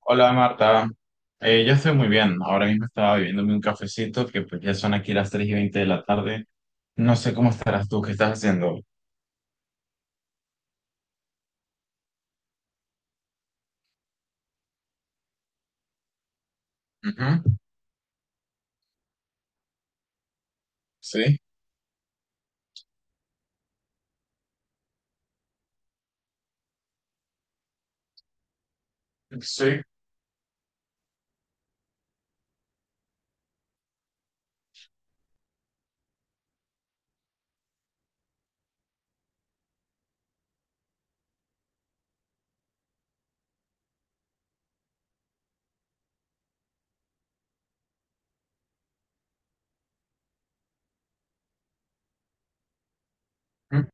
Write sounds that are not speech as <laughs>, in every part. Hola Marta. Yo estoy muy bien. Ahora mismo estaba bebiéndome un cafecito que pues ya son aquí las 3:20 de la tarde. No sé cómo estarás tú, ¿qué estás haciendo? Ujú. Sí, sí. Ujú.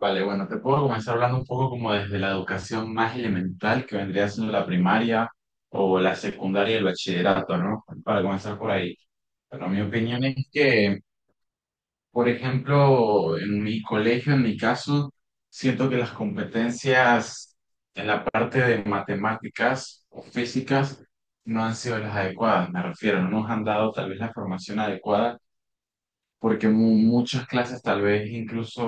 Vale, bueno, te puedo comenzar hablando un poco como desde la educación más elemental que vendría siendo la primaria o la secundaria y el bachillerato, ¿no? Para comenzar por ahí. Bueno, mi opinión es que, por ejemplo, en mi colegio, en mi caso, siento que las competencias en la parte de matemáticas o físicas no han sido las adecuadas, me refiero, no nos han dado tal vez la formación adecuada porque muchas clases tal vez incluso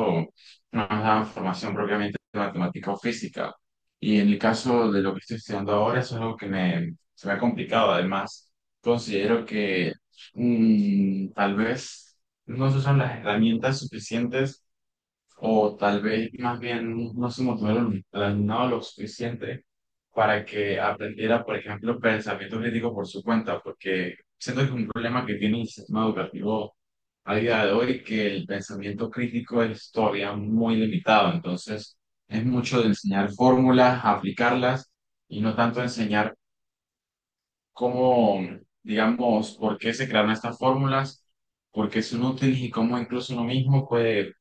no nos daban formación propiamente de matemática o física. Y en el caso de lo que estoy estudiando ahora, eso es algo que me, se me ha complicado. Además, considero que tal vez no se usan las herramientas suficientes o tal vez más bien no se motivaron el alumnado lo suficiente para que aprendiera, por ejemplo, pensamiento crítico por su cuenta, porque siento que es un problema que tiene el sistema educativo a día de hoy, que el pensamiento crítico es todavía muy limitado. Entonces, es mucho de enseñar fórmulas, aplicarlas y no tanto enseñar cómo, digamos, por qué se crearon estas fórmulas, por qué son útiles y cómo incluso uno mismo puede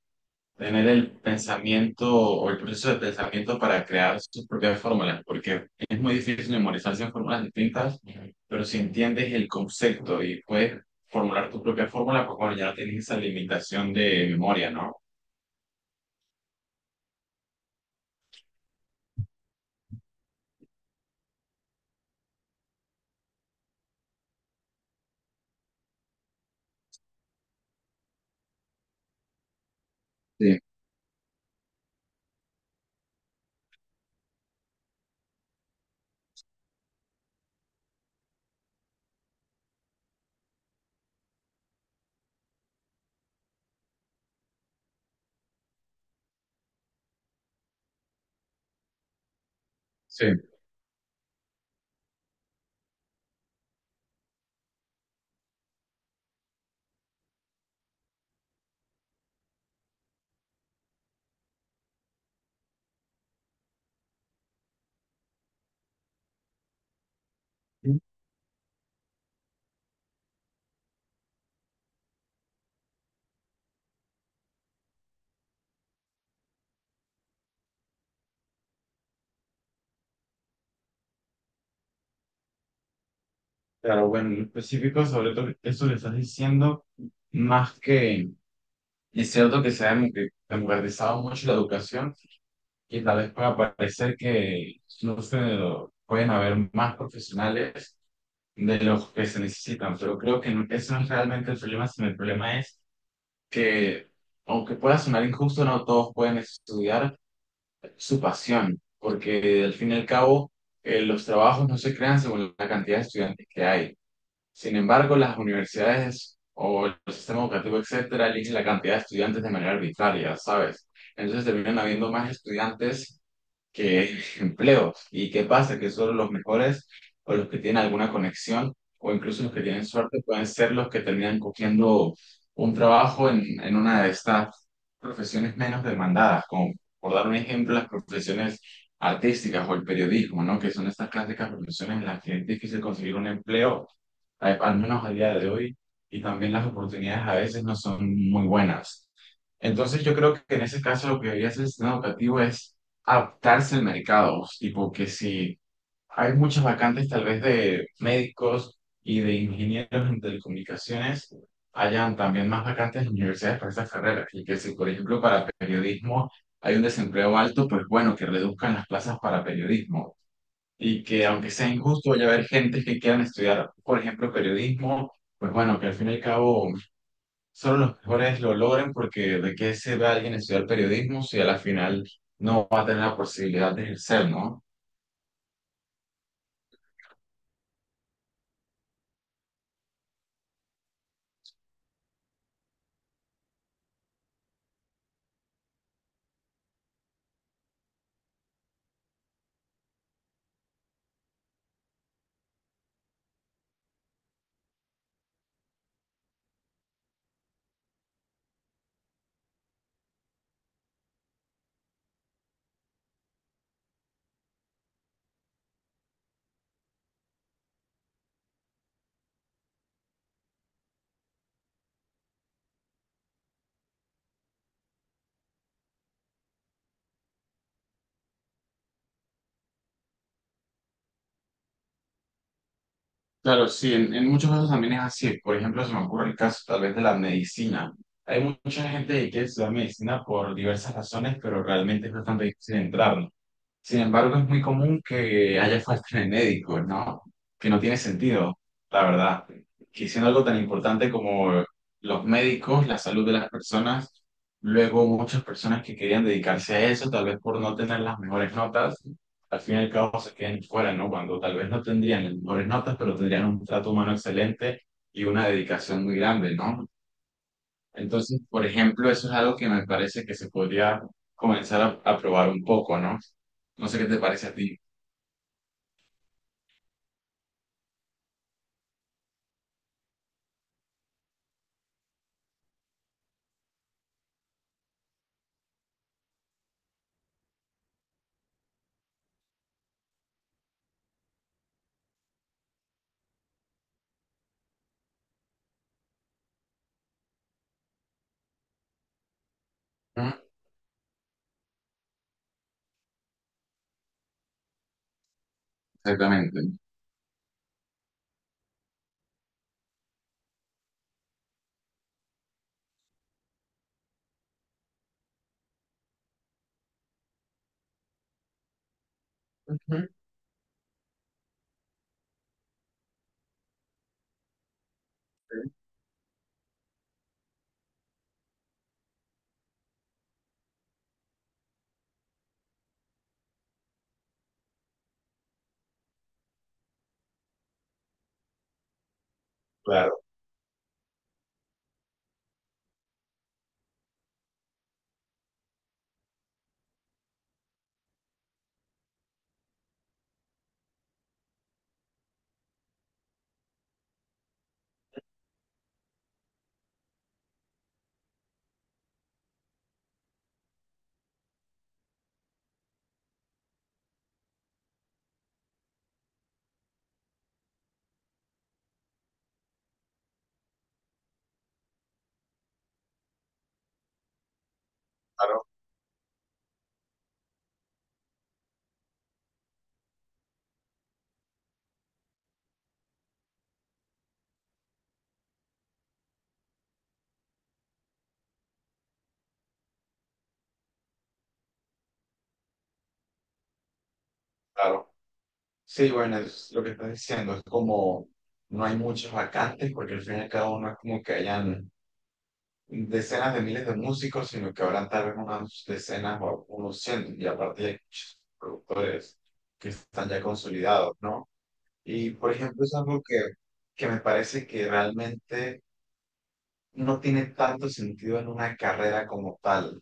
tener el pensamiento o el proceso de pensamiento para crear sus propias fórmulas, porque es muy difícil memorizarse en fórmulas distintas, pero si entiendes el concepto y puedes formular tu propia fórmula, pues bueno, ya no tienes esa limitación de memoria, ¿no? Sí, sí. Pero bueno, en específico sobre todo eso que estás diciendo, más que es cierto que se ha democratizado mucho la educación y tal vez pueda parecer que, no sé, pueden haber más profesionales de los que se necesitan, pero creo que no, eso no es realmente el problema, sino el problema es que, aunque pueda sonar injusto, no todos pueden estudiar su pasión, porque al fin y al cabo, los trabajos no se crean según la cantidad de estudiantes que hay. Sin embargo, las universidades o el sistema educativo, etcétera, eligen la cantidad de estudiantes de manera arbitraria, ¿sabes? Entonces terminan habiendo más estudiantes que <laughs> empleos. ¿Y qué pasa? Que solo los mejores o los que tienen alguna conexión o incluso los que tienen suerte pueden ser los que terminan cogiendo un trabajo en una de estas profesiones menos demandadas, como, por dar un ejemplo, las profesiones artísticas o el periodismo, ¿no? Que son estas clásicas profesiones en las que es difícil conseguir un empleo, al menos a día de hoy, y también las oportunidades a veces no son muy buenas. Entonces yo creo que en ese caso lo que debería hacer el sistema educativo es adaptarse al mercado, tipo que si hay muchas vacantes tal vez de médicos y de ingenieros en telecomunicaciones, hayan también más vacantes en universidades para esas carreras, y que si, por ejemplo, para periodismo hay un desempleo alto, pues bueno, que reduzcan las plazas para periodismo y que, aunque sea injusto, vaya a haber gente que quieran estudiar, por ejemplo, periodismo, pues bueno, que al fin y al cabo solo los mejores lo logran, porque de qué se ve alguien estudiar periodismo si a la final no va a tener la posibilidad de ejercer, ¿no? Claro, sí, en muchos casos también es así. Por ejemplo, se me ocurre el caso tal vez de la medicina. Hay mucha gente que quiere estudiar medicina por diversas razones, pero realmente es bastante difícil entrar, ¿no? Sin embargo, es muy común que haya falta de médicos, ¿no? Que no tiene sentido, la verdad. Que siendo algo tan importante como los médicos, la salud de las personas, luego muchas personas que querían dedicarse a eso, tal vez por no tener las mejores notas, al fin y al cabo se queden fuera, ¿no? Cuando tal vez no tendrían las mejores notas, pero tendrían un trato humano excelente y una dedicación muy grande, ¿no? Entonces, por ejemplo, eso es algo que me parece que se podría comenzar a probar un poco, ¿no? No sé qué te parece a ti. Ujú. Exactamente. Ujú. Sí. Claro, claro. Sí, bueno, es lo que estás diciendo, es como no hay muchas vacantes, porque al fin y al cabo no es como que hayan decenas de miles de músicos, sino que habrán tal vez unas decenas o unos cientos, y aparte hay muchos productores que están ya consolidados, ¿no? Y por ejemplo, es algo que me parece que realmente no tiene tanto sentido en una carrera como tal,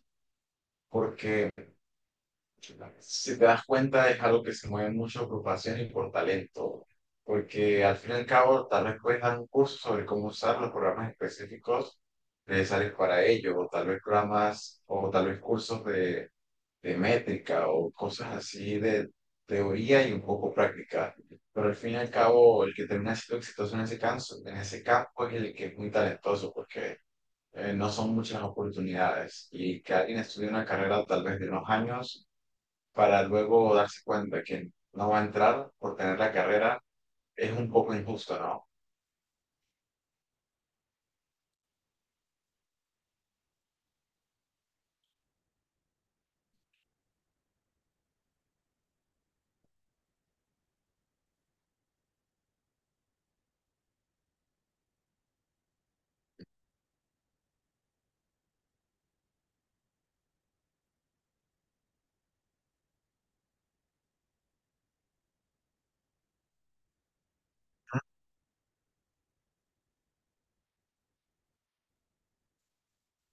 porque si te das cuenta es algo que se mueve mucho por pasión y por talento, porque al fin y al cabo tal vez puedes dar un curso sobre cómo usar los programas específicos necesarios para ello, o tal vez programas, o tal vez cursos de métrica o cosas así de teoría y un poco práctica. Pero al fin y al cabo, el que termina siendo exitoso en ese campo, es el que es muy talentoso, porque no son muchas las oportunidades, y que alguien estudie una carrera tal vez de unos años para luego darse cuenta que no va a entrar por tener la carrera es un poco injusto, ¿no?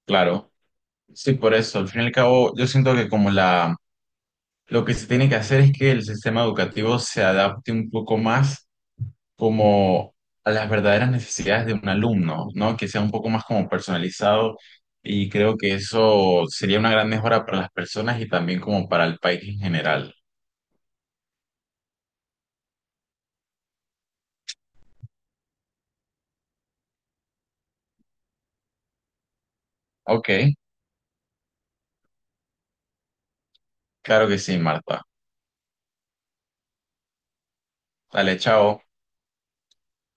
Claro, sí, por eso. Al fin y al cabo, yo siento que como la, lo que se tiene que hacer es que el sistema educativo se adapte un poco más como a las verdaderas necesidades de un alumno, ¿no? Que sea un poco más como personalizado y creo que eso sería una gran mejora para las personas y también como para el país en general. Ok, claro que sí, Marta. Dale, chao.